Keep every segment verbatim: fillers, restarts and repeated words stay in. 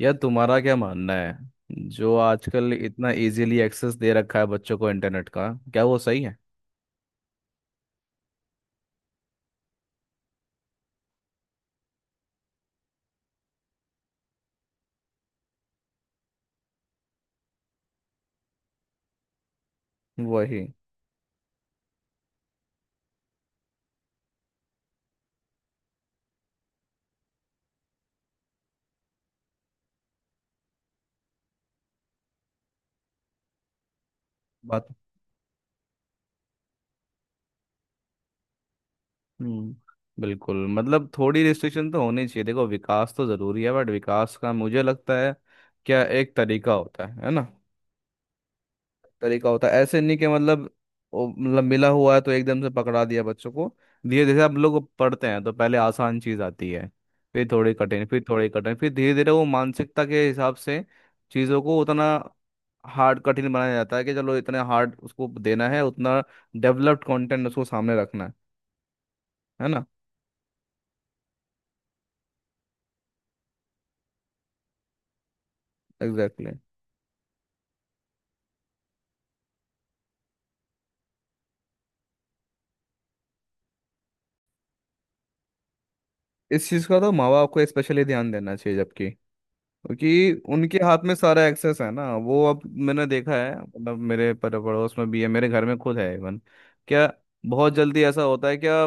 यार, तुम्हारा क्या मानना है जो आजकल इतना इजीली एक्सेस दे रखा है बच्चों को इंटरनेट का, क्या वो सही है. वही बात. हम्म, बिल्कुल. मतलब थोड़ी रिस्ट्रिक्शन तो होनी चाहिए. देखो, विकास तो जरूरी है बट विकास का मुझे लगता है क्या एक तरीका होता है है ना. तरीका होता है, ऐसे नहीं कि मतलब वो मतलब मिला हुआ है तो एकदम से पकड़ा दिया बच्चों को. धीरे धीरे अब लोग पढ़ते हैं तो पहले आसान चीज आती है, फिर थोड़ी कठिन, फिर थोड़ी कठिन, फिर धीरे धीरे वो मानसिकता के हिसाब से चीज़ों को उतना हार्ड, कठिन बनाया जाता है कि चलो इतने हार्ड उसको देना है, उतना डेवलप्ड कंटेंट उसको सामने रखना है है ना. Exactly exactly. इस चीज़ का तो माँ बाप को स्पेशली ध्यान देना चाहिए, जबकि क्योंकि उनके हाथ में सारा एक्सेस है ना वो अब. मैंने देखा है, मतलब मेरे पर पड़ोस में भी है, मेरे घर में खुद है इवन, क्या, बहुत जल्दी ऐसा होता है क्या.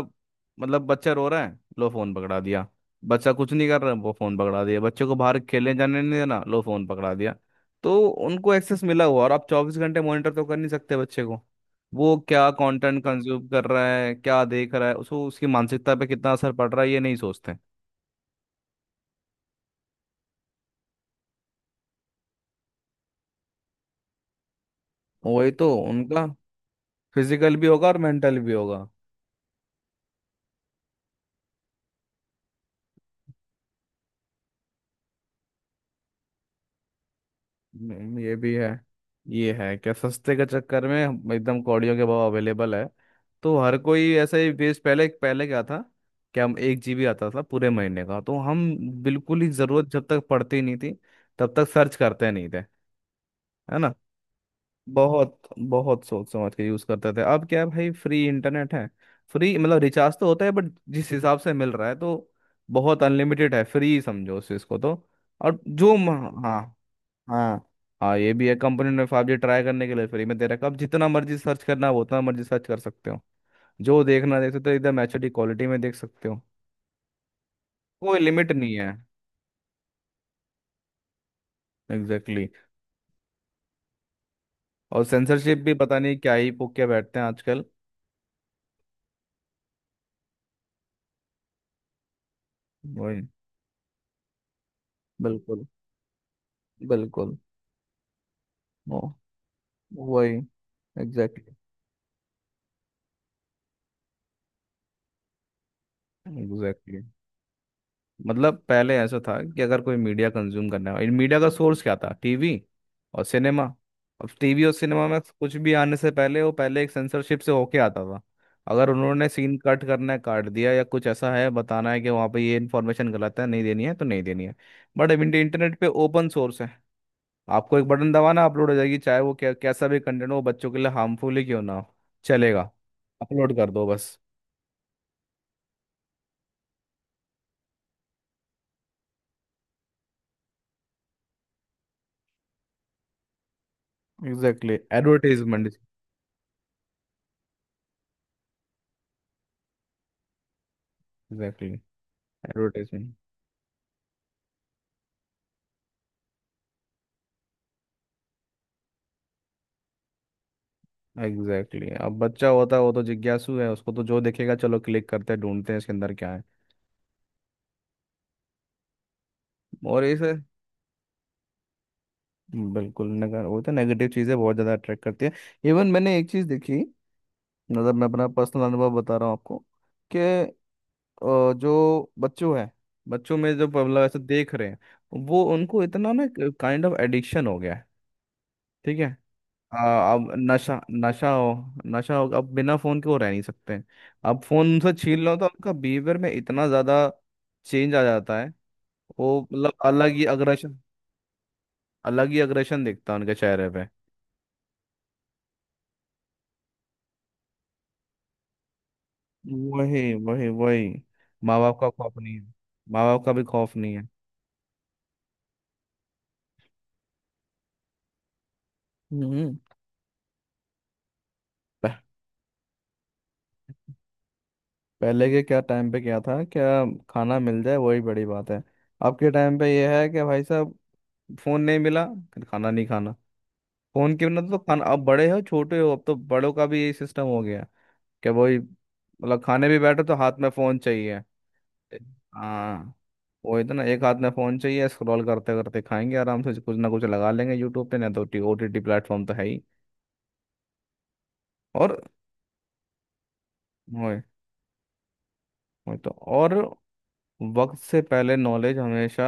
मतलब बच्चा रो रहा है, लो फोन पकड़ा दिया. बच्चा कुछ नहीं कर रहा, वो फोन पकड़ा दिया. बच्चे को बाहर खेलने जाने नहीं देना, लो फोन पकड़ा दिया. तो उनको एक्सेस मिला हुआ और आप चौबीस घंटे मॉनिटर तो कर नहीं सकते बच्चे को. वो क्या कंटेंट कंज्यूम कर रहा है, क्या देख रहा है, उसको उसकी मानसिकता पे कितना असर पड़ रहा है ये नहीं सोचते. वही तो उनका. फिजिकल भी होगा और मेंटल भी होगा. हम्म, ये भी है. ये है क्या, सस्ते के चक्कर में हम- एकदम कौड़ियों के भाव अवेलेबल है. तो हर कोई ऐसा ही बेस. पहले पहले क्या था कि हम एक जीबी आता था पूरे महीने का, तो हम बिल्कुल ही जरूरत जब तक पड़ती नहीं थी तब तक सर्च करते नहीं थे, है ना. बहुत बहुत सोच समझ के यूज करते थे. अब क्या है भाई, फ्री इंटरनेट है. फ्री मतलब रिचार्ज तो होता है बट जिस हिसाब से मिल रहा है तो बहुत अनलिमिटेड है, फ्री समझो उस चीज को तो. और जो म- हाँ, हाँ हाँ, ये भी है. कंपनी ने फाइव जी ट्राई करने के लिए फ्री में दे रखा है. अब जितना मर्जी सर्च करना हो उतना मर्जी सर्च कर सकते हो, जो देखना देख सकते हो एकदम एच डी क्वालिटी में देख सकते हो. कोई लिमिट नहीं है. Exactly exactly. और सेंसरशिप भी पता नहीं क्या ही पोक के बैठते हैं आजकल. वही. बिल्कुल बिल्कुल. ओ, वही. Exactly exactly. मतलब पहले ऐसा था कि अगर कोई मीडिया कंज्यूम करना है, मीडिया का सोर्स क्या था, टीवी और सिनेमा. अब टीवी और सिनेमा में कुछ भी आने से पहले वो पहले एक सेंसरशिप से होके आता था. अगर उन्होंने सीन कट करना है, काट दिया, या कुछ ऐसा है बताना है कि वहाँ पे ये इन्फॉर्मेशन गलत है, नहीं देनी है तो नहीं देनी है. बट अब इंटरनेट पे ओपन सोर्स है. आपको एक बटन दबाना, अपलोड हो जाएगी, चाहे वो क्या कैसा भी कंटेंट हो, वो बच्चों के लिए हार्मफुल ही क्यों ना हो, चलेगा. अपलोड कर दो बस. Exactly advertisement. Exactly advertisement. Exactly exactly. अब बच्चा होता है वो तो जिज्ञासु है, उसको तो जो देखेगा, चलो क्लिक करते हैं, ढूंढते हैं इसके अंदर क्या है. और इसे, बिल्कुल, नगर वो तो नेगेटिव चीज़ें बहुत ज़्यादा अट्रैक्ट करती है. इवन मैंने एक चीज़ देखी, मतलब मैं अपना पर्सनल अनुभव बता रहा हूँ आपको, कि अ, जो बच्चों है, बच्चों में जो मतलब ऐसे देख रहे हैं, वो उनको इतना ना काइंड ऑफ एडिक्शन हो गया है, ठीक है. हाँ, अब नशा नशा हो, नशा हो, अब बिना फोन के वो रह नहीं सकते. अब फोन उनसे छीन लो तो उनका बिहेवियर में इतना ज्यादा चेंज आ जाता है. वो मतलब अलग ही अग्रेशन, अलग ही अग्रेशन दिखता है उनके चेहरे पे. वही वही वही. माँ बाप का खौफ नहीं है, माँ बाप का भी खौफ नहीं है. हम्म. प- पहले के क्या टाइम पे क्या था क्या, खाना मिल जाए वही बड़ी बात है. अब के टाइम पे यह है कि भाई साहब, फोन नहीं मिला, फिर खाना नहीं खाना. फोन के बिना तो खाना, अब बड़े हो छोटे हो, अब तो बड़ों का भी यही सिस्टम हो गया क्या. वही मतलब खाने भी बैठो तो हाथ में फोन चाहिए. हाँ, वही तो ना, एक हाथ में फोन चाहिए, स्क्रॉल करते करते खाएंगे, आराम से कुछ ना कुछ लगा लेंगे यूट्यूब पे, ना तो ओ टी टी प्लेटफॉर्म तो है ही. और वही, वही तो. और वक्त से पहले नॉलेज हमेशा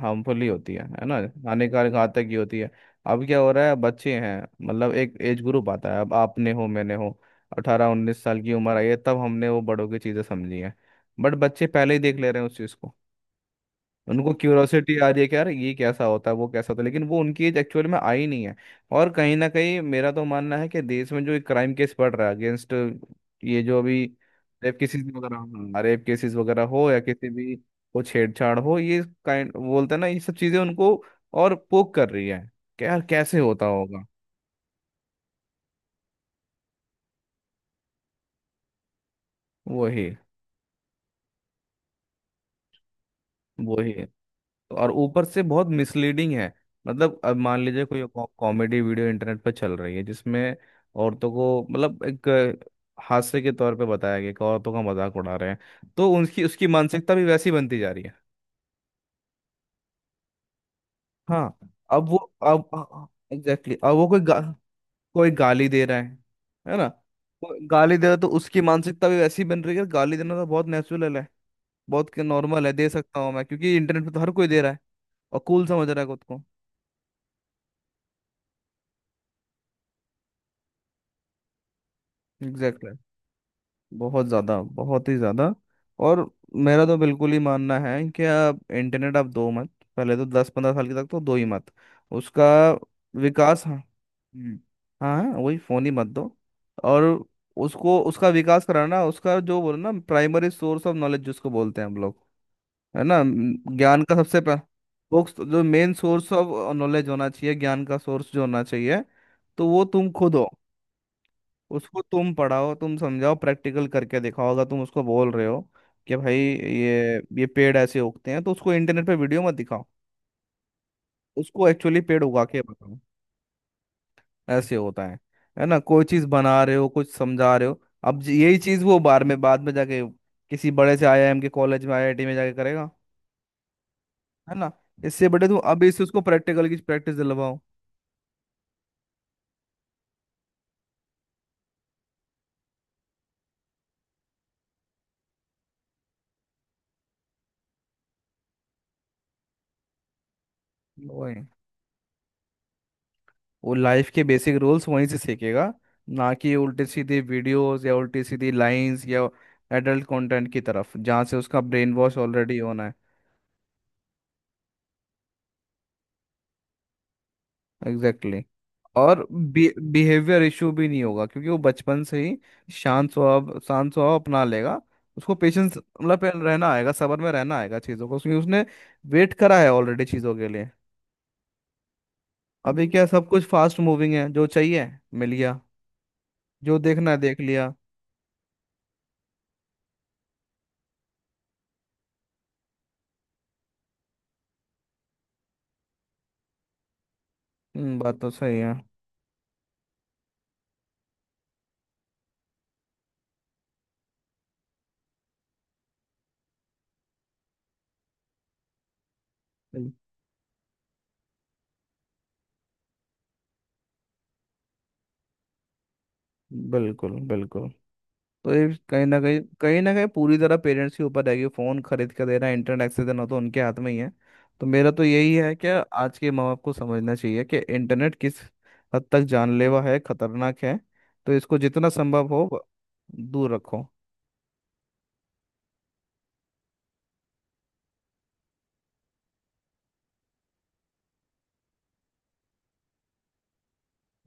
हार्मफुल ही होती है है ना. हानिकारक, घातक ही होती है. अब क्या हो रहा है, बच्चे हैं, मतलब एक एज ग्रुप आता है. अब आपने हो मैंने हो, अठारह उन्नीस साल की उम्र आई है तब हमने वो बड़ों की चीज़ें समझी हैं. बट बच्चे पहले ही देख ले रहे हैं उस चीज़ को. उनको क्यूरोसिटी आ रही है कि यार ये कैसा होता है, वो कैसा होता है, लेकिन वो उनकी एज एक्चुअल में आई नहीं है. और कहीं ना कहीं मेरा तो मानना है कि देश में जो क्राइम केस बढ़ रहा है अगेंस्ट, ये जो अभी रेप केसेस वगैरह, हाँ, रेप केसेस वगैरह हो या किसी भी को छेड़छाड़ हो, ये काइंड बोलते हैं ना, ये सब चीजें उनको और पोक कर रही है कि यार कैसे होता होगा. वही वही. और ऊपर से बहुत मिसलीडिंग है. मतलब अब मान लीजिए कोई कॉमेडी वीडियो इंटरनेट पर चल रही है जिसमें औरतों को, मतलब एक अ, हास्य के तौर पे बताया गया कि औरतों का मजाक उड़ा रहे हैं, तो उनकी उसकी मानसिकता भी वैसी बनती जा रही है. हाँ, अब वो अब एग्जैक्टली exactly, अब वो कोई गा, कोई गाली दे रहा है है ना. कोई गाली दे रहा है तो उसकी मानसिकता भी वैसी बन रही है, गाली देना तो बहुत नेचुरल है, बहुत नॉर्मल है, दे सकता हूँ मैं क्योंकि इंटरनेट पे तो हर कोई दे रहा है और कूल समझ रहा है खुद को. एग्जैक्टली. बहुत ज़्यादा, बहुत ही ज़्यादा. और मेरा तो बिल्कुल ही मानना है कि आप इंटरनेट आप दो मत. पहले तो दस पंद्रह साल के तक तो दो ही मत. उसका विकास, हाँ. हम्म. हाँ हाँ, वही, फ़ोन ही मत दो. और उसको उसका विकास कराना, उसका जो बोलो ना प्राइमरी सोर्स ऑफ नॉलेज जिसको बोलते हैं हम लोग, है ना, म, ज्ञान का सबसे पह- बुक्स जो मेन सोर्स ऑफ नॉलेज होना चाहिए, ज्ञान का सोर्स जो होना चाहिए, तो वो तुम खुद हो. उसको तुम पढ़ाओ, तुम समझाओ, प्रैक्टिकल करके दिखाओ. अगर तुम उसको बोल रहे हो कि भाई ये ये पेड़ ऐसे उगते हैं, तो उसको इंटरनेट पे वीडियो मत दिखाओ. उसको एक्चुअली पेड़ उगा के बताओ ऐसे होता है है ना. कोई चीज बना रहे हो, कुछ समझा रहे हो. अब ज- यही चीज वो बार में बाद में जाके किसी बड़े से आई आई एम के कॉलेज में, आई आई टी में जाके करेगा, है ना. इससे बड़े तुम अभी से उसको प्रैक्टिकल की प्रैक्टिस दिलवाओ. वही. वो लाइफ के बेसिक रूल्स वहीं से सीखेगा, ना कि उल्टे सीधे वीडियोस या उल्टी सीधी लाइंस या एडल्ट कंटेंट की तरफ जहाँ से उसका ब्रेन वॉश ऑलरेडी होना है. Exactly exactly. और बिहेवियर इशू भी नहीं होगा क्योंकि वो बचपन से ही शांत स्वभाव, शांत स्वभाव अपना लेगा. उसको पेशेंस, मतलब पे- रहना आएगा, सबर में रहना आएगा चीज़ों को क्योंकि उसने वेट करा है ऑलरेडी चीज़ों के लिए. अभी क्या, सब कुछ फास्ट मूविंग है, जो चाहिए मिल गया, जो देखना है देख लिया. हम्म, बात तो सही है. बिल्कुल बिल्कुल. तो ये कहीं ना कहीं कहीं ना कहीं पूरी तरह पेरेंट्स के ऊपर रहेगी. फोन खरीद के देना, इंटरनेट एक्सेस देना तो उनके हाथ में ही है. तो मेरा तो यही है कि आज के माँ बाप को समझना चाहिए कि इंटरनेट किस हद तक जानलेवा है, खतरनाक है. तो इसको जितना संभव हो ब- दूर रखो.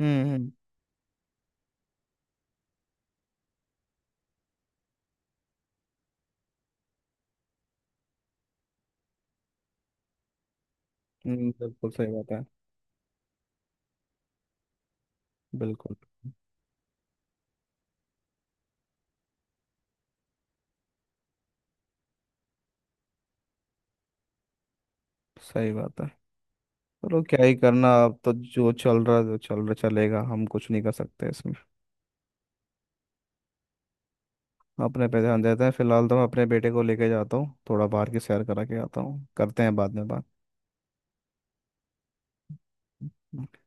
हम्म. हम्म. हम्म, बिल्कुल सही बात है. बिल्कुल सही बात है. चलो क्या ही करना, अब तो जो चल रहा है, जो चल रहा चलेगा, हम कुछ नहीं कर सकते इसमें. अपने पे ध्यान देते हैं फिलहाल. तो मैं अपने बेटे को लेके जाता हूँ, थोड़ा बाहर की सैर करा के आता हूँ. करते हैं बाद में बात.